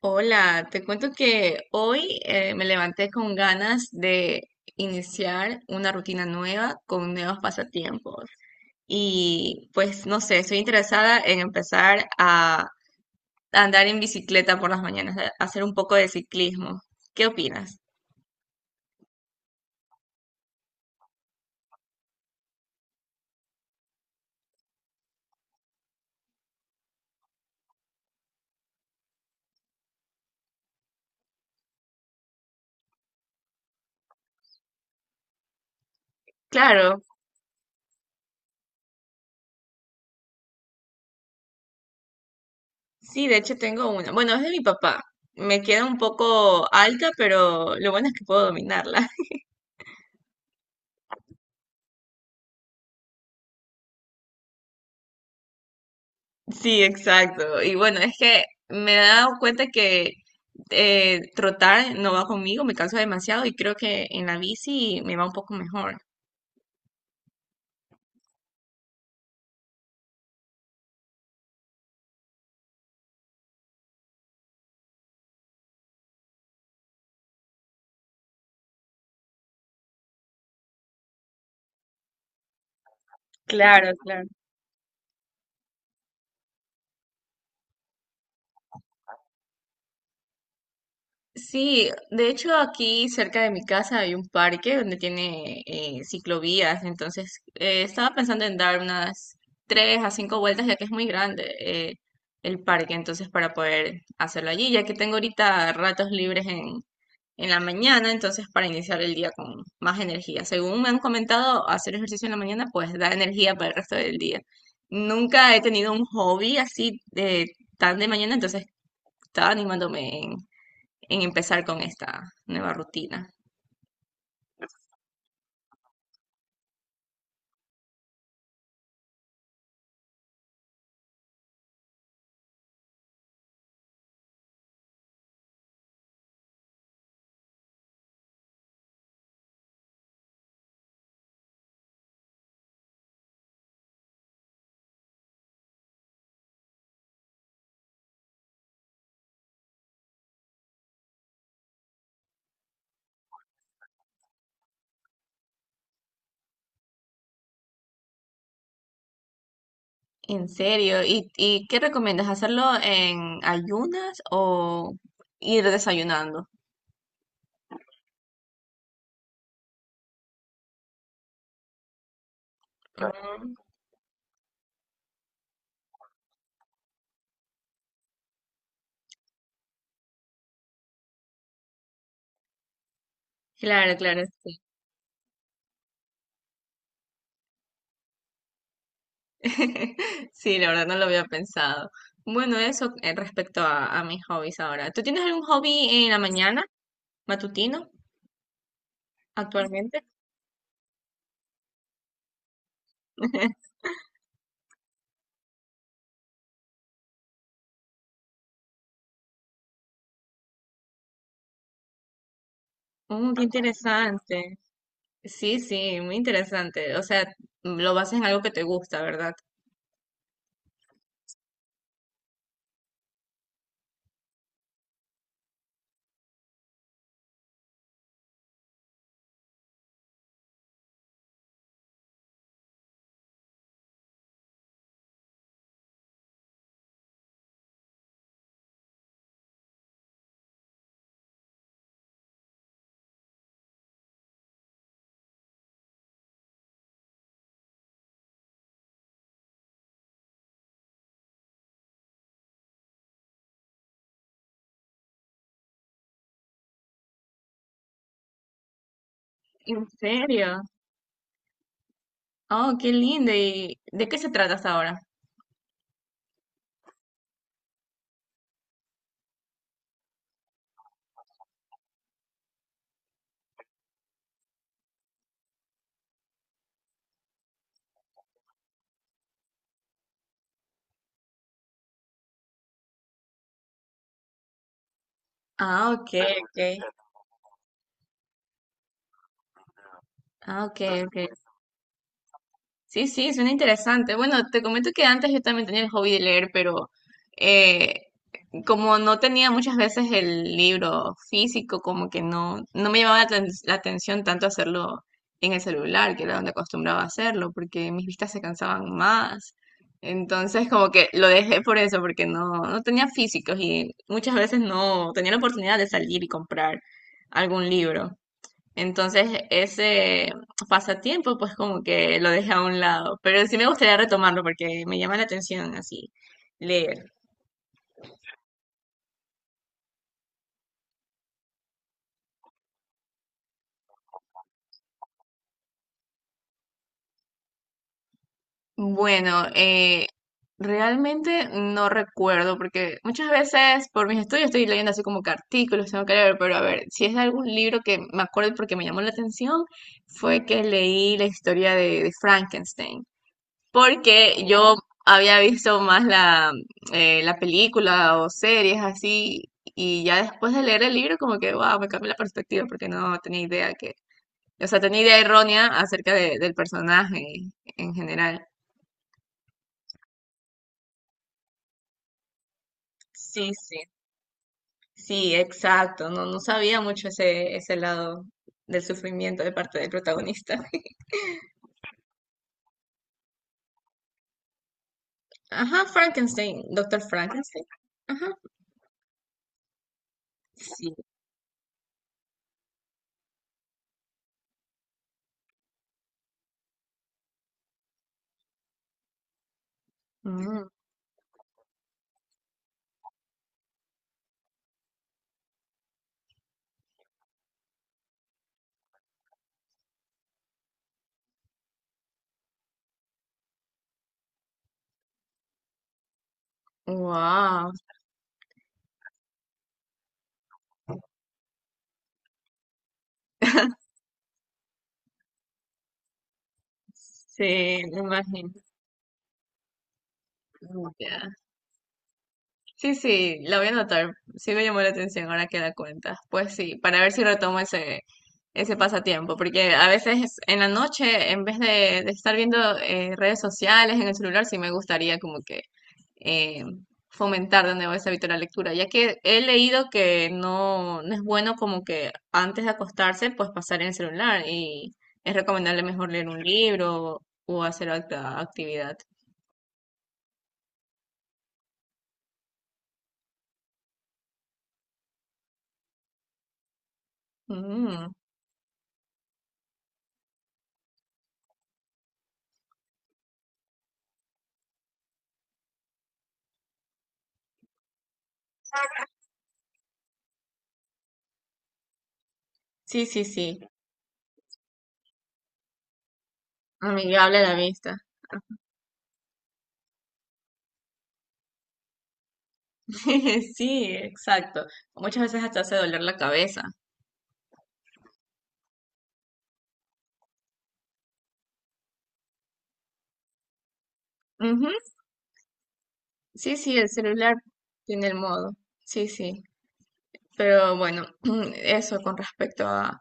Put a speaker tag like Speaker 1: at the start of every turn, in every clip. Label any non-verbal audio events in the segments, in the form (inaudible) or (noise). Speaker 1: Hola, te cuento que hoy me levanté con ganas de iniciar una rutina nueva con nuevos pasatiempos. Y pues no sé, estoy interesada en empezar a andar en bicicleta por las mañanas, a hacer un poco de ciclismo. ¿Qué opinas? Claro, sí, de hecho tengo una. Bueno, es de mi papá. Me queda un poco alta, pero lo bueno es que puedo dominarla. Sí, exacto. Y bueno, es que me he dado cuenta que trotar no va conmigo, me canso demasiado y creo que en la bici me va un poco mejor. Claro, claro. Sí, de hecho aquí cerca de mi casa hay un parque donde tiene ciclovías, entonces estaba pensando en dar unas tres a cinco vueltas ya que es muy grande el parque, entonces para poder hacerlo allí, ya que tengo ahorita ratos libres en la mañana, entonces para iniciar el día con más energía. Según me han comentado, hacer ejercicio en la mañana pues da energía para el resto del día. Nunca he tenido un hobby así de tan de mañana, entonces estaba animándome en empezar con esta nueva rutina. En serio, y qué recomiendas? ¿Hacerlo en ayunas o ir desayunando? Claro. Mm. Claro, claro. (laughs) Sí, la verdad no lo había pensado. Bueno, eso respecto a mis hobbies ahora. ¿Tú tienes algún hobby en la mañana, matutino, actualmente? (laughs) Oh, qué interesante. Sí, sí, muy interesante. O sea, lo basas en algo que te gusta, ¿verdad? ¿En serio? Oh, qué lindo. ¿Y de qué se trata hasta ahora? Ah, ok, ok. Ah, ok, ok. Sí, sí, suena interesante. Bueno, te comento que antes yo también tenía el hobby de leer, pero eh, como no tenía muchas veces el libro físico, como que no, no me llamaba la atención tanto hacerlo en el celular, que era donde acostumbraba a hacerlo, porque mis vistas se cansaban más. Entonces, como que lo dejé por eso, porque no, no tenía físicos y muchas veces no tenía la oportunidad de salir y comprar algún libro. Entonces, ese pasatiempo, pues como que lo dejé a un lado, pero sí me gustaría retomarlo porque me llama la atención así, leer. Bueno, realmente no recuerdo, porque muchas veces por mis estudios estoy leyendo así como que artículos, tengo que leer, pero a ver, si es algún libro que me acuerdo porque me llamó la atención, fue que leí la historia de Frankenstein, porque yo había visto más la película o series así, y ya después de leer el libro como que, wow, me cambió la perspectiva, porque no tenía idea que, o sea, tenía idea errónea acerca del personaje en general. Sí, sí. Sí, exacto. No, no sabía mucho ese, ese lado del sufrimiento de parte del protagonista. (laughs) Ajá, Frankenstein, Doctor Frankenstein. Ajá, sí. Wow. Sí, me imagino. Ya. Sí, sí, la voy a anotar. Sí me llamó la atención ahora que la cuentas. Pues sí, para ver si retomo ese, ese pasatiempo. Porque a veces en la noche, en vez de estar viendo redes sociales en el celular, sí me gustaría como que eh, fomentar de nuevo ese hábito de la lectura, ya que he leído que no, no es bueno como que antes de acostarse, pues pasar en el celular y es recomendable mejor leer un libro o hacer otra actividad. Mm. Sí, sí, sí, amigable a la vista. (laughs) Sí, exacto. Muchas veces hasta hace doler la cabeza. Ujú. Sí, sí, el celular tiene el modo. Sí, sí. Pero bueno, (clears throat) eso con respecto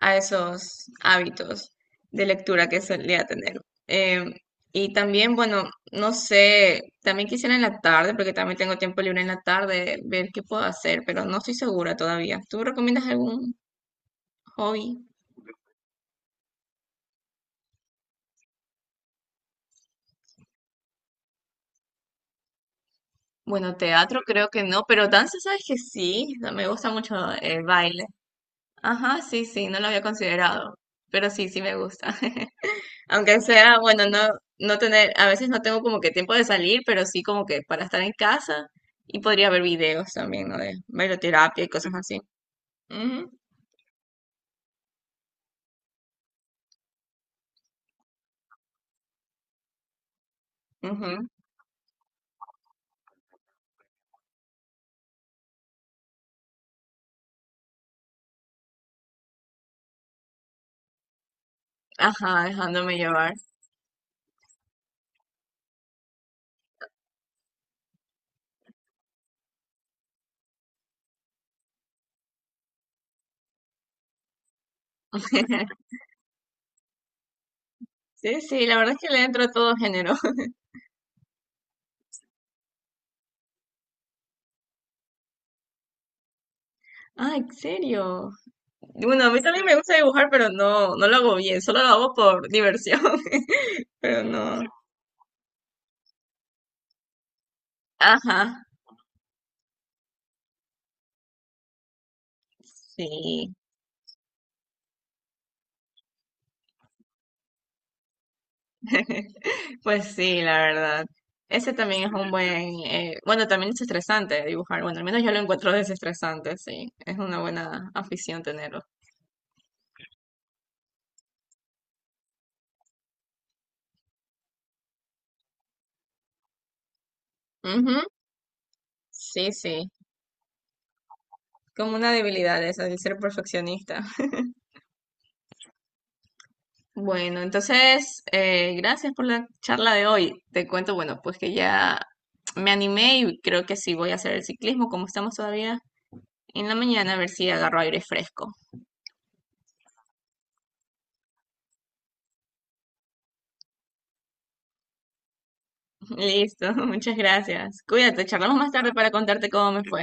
Speaker 1: a esos hábitos de lectura que solía tener. Em, y también, bueno, no sé, también quisiera en la tarde, porque también tengo tiempo libre en la tarde, ver qué puedo hacer, pero no estoy segura todavía. ¿Tú recomiendas algún hobby? Bueno, teatro creo que no, pero danza, sabes que sí, o sea, me gusta mucho el baile. Ajá, sí, sí, no lo había considerado, pero sí, sí me gusta. (laughs) Aunque sea, bueno, no, no tener, a veces no tengo como que tiempo de salir, pero sí como que para estar en casa y podría ver videos también, ¿no? De bailoterapia y cosas así. Ujú, ujú. Ajá, dejándome llevar. (laughs) Sí, sí, la verdad es que le entro a todo género. (laughs) Ah, ¿en serio? Bueno, a mí también me gusta dibujar, pero no, no lo hago bien, solo lo hago por diversión. (laughs) Pero no. Ajá, sí. (laughs) Pues sí, la verdad. Ese también es un buen, bueno, también es estresante dibujar. Bueno, al menos yo lo encuentro desestresante, sí. Es una buena afición tenerlo. Ujú. Sí, sí. Como una debilidad esa, el ser perfeccionista. (laughs) Bueno, entonces, gracias por la charla de hoy. Te cuento, bueno, pues que ya me animé y creo que sí voy a hacer el ciclismo, como estamos todavía en la mañana, a ver si agarro aire fresco. (laughs) Listo, (laughs) muchas gracias. Cuídate, charlamos más tarde para contarte cómo me fue.